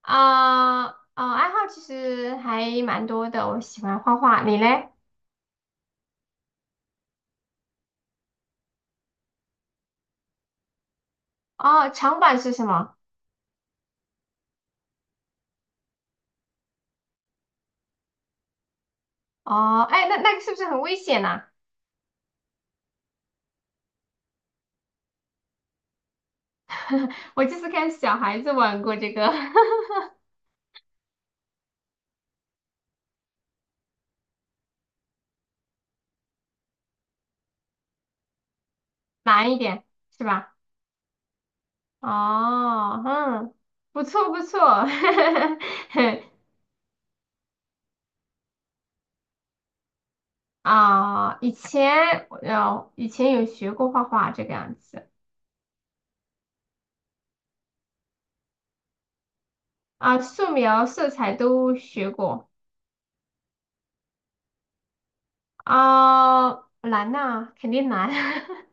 啊哦，爱好其实还蛮多的，我喜欢画画，你嘞？哦，长板是什么？哦，哎，那那个是不是很危险呐、我就是看小孩子玩过这个，难一点是吧？哦，嗯，不错不错，啊、以前以前有学过画画这个样子。啊、素描、色彩都学过。啊、难呐、肯定难。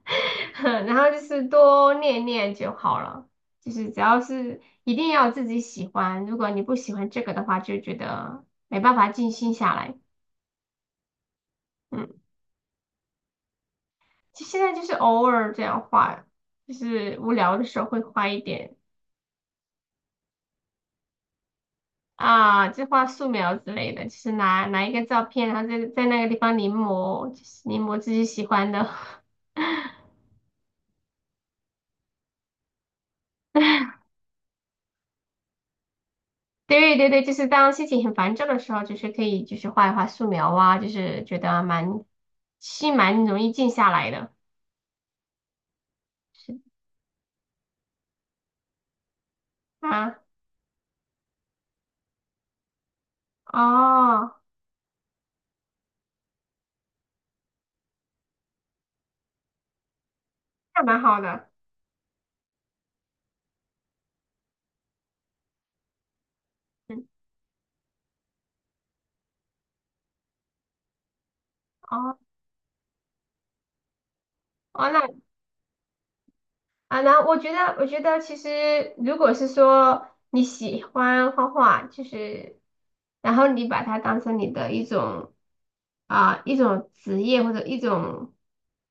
然后就是多练练就好了，就是只要是一定要自己喜欢，如果你不喜欢这个的话，就觉得没办法静心下来。嗯，就现在就是偶尔这样画，就是无聊的时候会画一点。啊，就画素描之类的，就是拿一个照片，然后在那个地方临摹，就是临摹自己喜欢的。对对对，就是当心情很烦躁的时候，就是可以就是画一画素描啊，就是觉得蛮心蛮容易静下来的。是啊，哦，那蛮好的。嗯，哦哦，那啊，那我觉得其实如果是说你喜欢画画，就是然后你把它当成你的一种啊、一种职业或者一种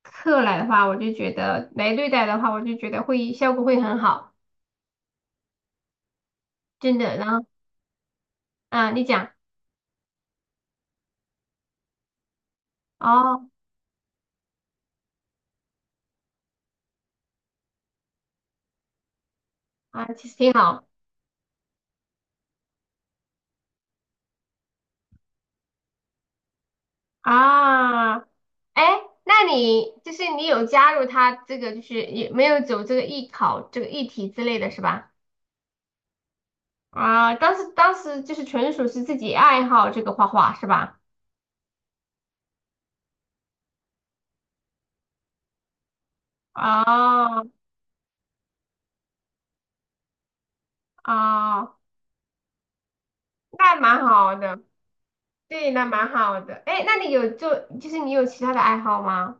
课来的话，我就觉得来对待的话，我就觉得会效果会很好。真的，然后。啊，你讲哦啊，其实挺好啊。哎，那你就是你有加入他这个，就是也没有走这个艺考这个艺体之类的是吧？啊，当时就是纯属是自己爱好这个画画是吧？哦哦，那蛮好的，对，那蛮好的。哎，那你有做，就是你有其他的爱好吗？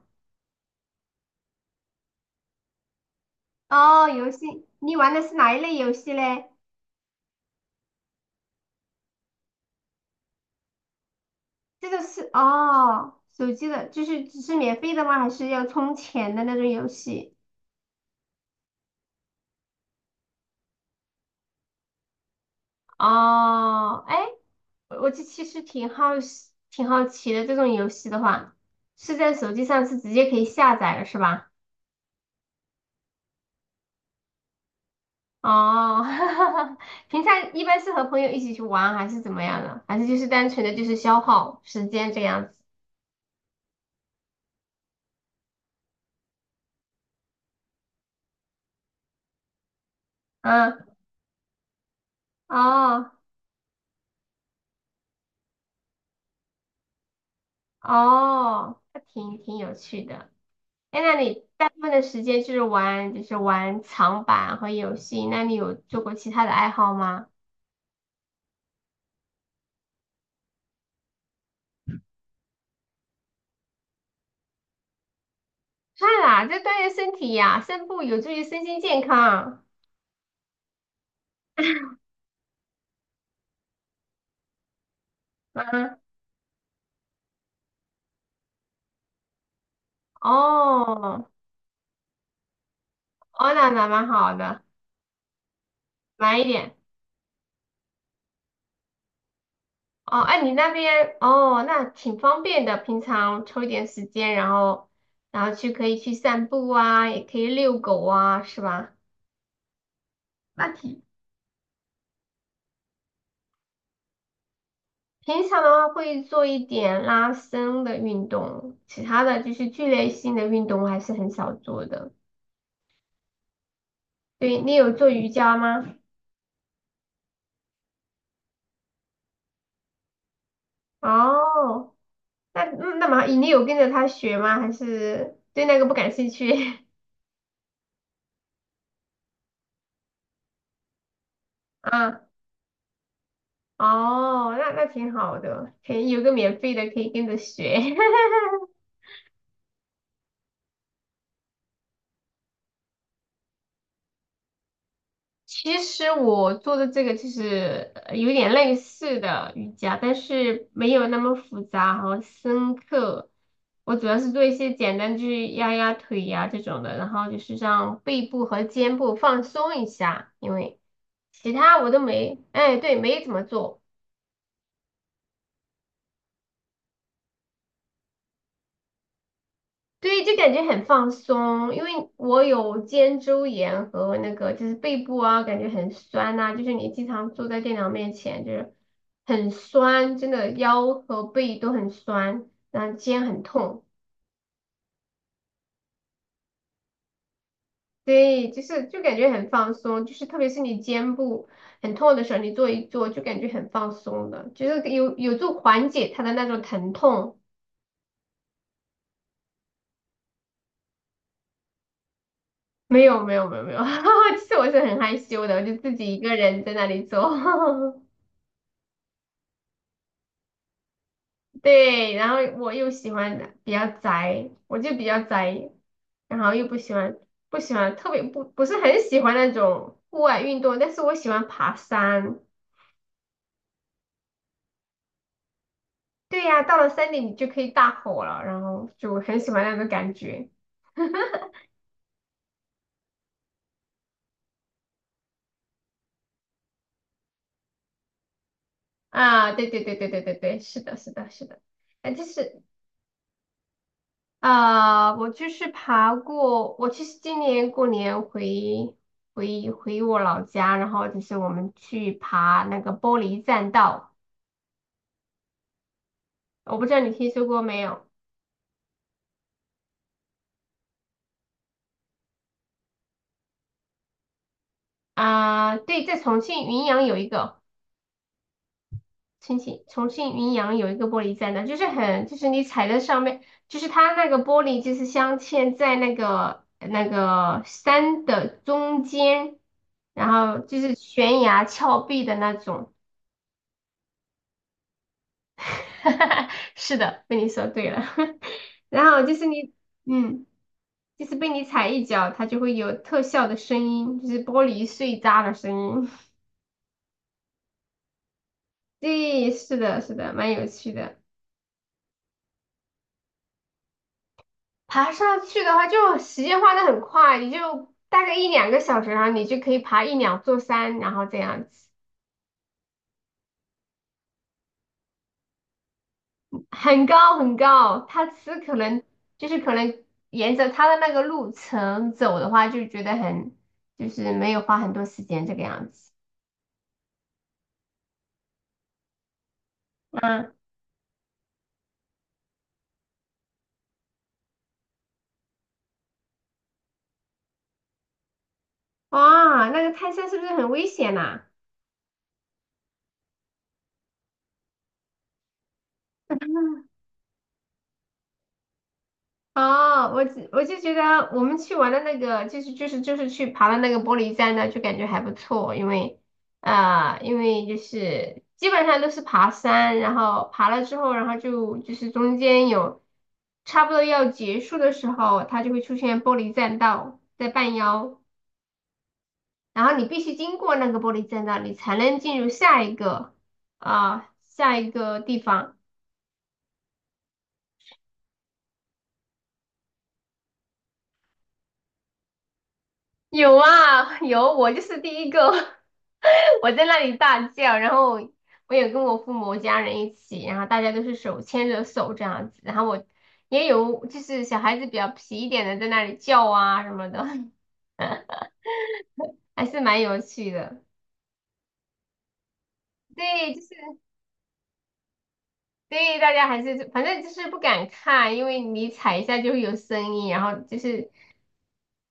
哦，游戏，你玩的是哪一类游戏嘞？这个是哦，手机的，就是只是免费的吗？还是要充钱的那种游戏？哦，哎，我其实挺好奇，挺好奇的。这种游戏的话，是在手机上是直接可以下载的，是吧？哦，平常一般是和朋友一起去玩，还是怎么样的？还是就是单纯的就是消耗时间这样子？嗯，哦哦，还挺有趣的。哎，那你大部分的时间就是玩，就是玩长板和游戏。那你有做过其他的爱好吗？算啦，就锻炼身体呀、散步有助于身心健康。嗯，哦，哦，那那蛮好的，晚一点。哦，哎，你那边哦，那挺方便的。平常抽一点时间，然后，然后去可以去散步啊，也可以遛狗啊，是吧？那挺平常的话会做一点拉伸的运动，其他的就是剧烈性的运动我还是很少做的。对，你有做瑜伽吗？哦，那嗯那么你有跟着他学吗？还是对那个不感兴趣？啊，哦，那那挺好的，可以有个免费的可以跟着学。其实我做的这个就是有点类似的瑜伽，但是没有那么复杂和深刻。我主要是做一些简单，就是压压腿呀、这种的，然后就是让背部和肩部放松一下，因为其他我都没，哎，对，没怎么做。对，就感觉很放松，因为我有肩周炎和那个就是背部啊，感觉很酸呐、就是你经常坐在电脑面前，就是很酸，真的腰和背都很酸，然后肩很痛，对，就是就感觉很放松，就是特别是你肩部很痛的时候，你做一做就感觉很放松的，就是有助缓解它的那种疼痛。没有没有没有没有，其实我是很害羞的，我就自己一个人在那里做。对，然后我又喜欢比较宅，我就比较宅，然后又不喜欢特别不是很喜欢那种户外运动，但是我喜欢爬山。对呀，到了山顶你就可以大吼了，然后就很喜欢那种感觉。啊！对对对对对对对，是的，是的，是的。哎，就是啊、我就是爬过，我其实今年过年回我老家，然后就是我们去爬那个玻璃栈道。我不知道你听说过没有。啊？对，在重庆云阳有一个玻璃栈道，就是很就是你踩在上面，就是它那个玻璃就是镶嵌在那个山的中间，然后就是悬崖峭壁的那种。是的，被你说对了。然后就是你，嗯，就是被你踩一脚，它就会有特效的声音，就是玻璃碎渣的声音。对，是的，是的，蛮有趣的。爬上去的话，就时间花得很快，你就大概一两个小时，然后你就可以爬一两座山，然后这样子，很高很高。它吃可能就是可能沿着它的那个路程走的话，就觉得很就是没有花很多时间这个样子。嗯，哇，那个泰山是不是很危险呐、哦，我就觉得我们去玩的那个，就是去爬的那个玻璃栈道，就感觉还不错，因为啊、因为就是基本上都是爬山，然后爬了之后，然后就是中间有差不多要结束的时候，它就会出现玻璃栈道在半腰，然后你必须经过那个玻璃栈道，你才能进入下一个啊、下一个地方。有啊，有，我就是第一个，我在那里大叫，然后我有跟我父母家人一起，然后大家都是手牵着手这样子，然后我也有就是小孩子比较皮一点的在那里叫啊什么的，还是蛮有趣的。对，就是对大家还是反正就是不敢看，因为你踩一下就会有声音，然后就是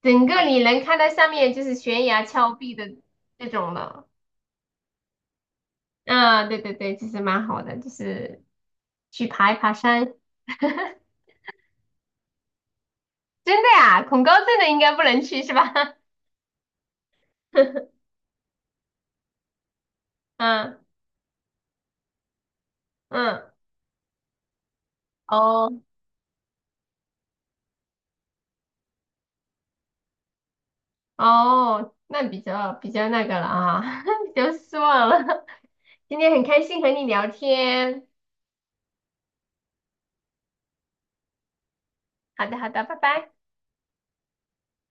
整个你能看到下面就是悬崖峭壁的那种了。嗯，对对对，其实蛮好的，就是去爬一爬山。真的呀，恐高症的应该不能去是吧？嗯嗯，哦，哦，那比较比较那个了啊，比较失望了。今天很开心和你聊天，好的好的，拜拜。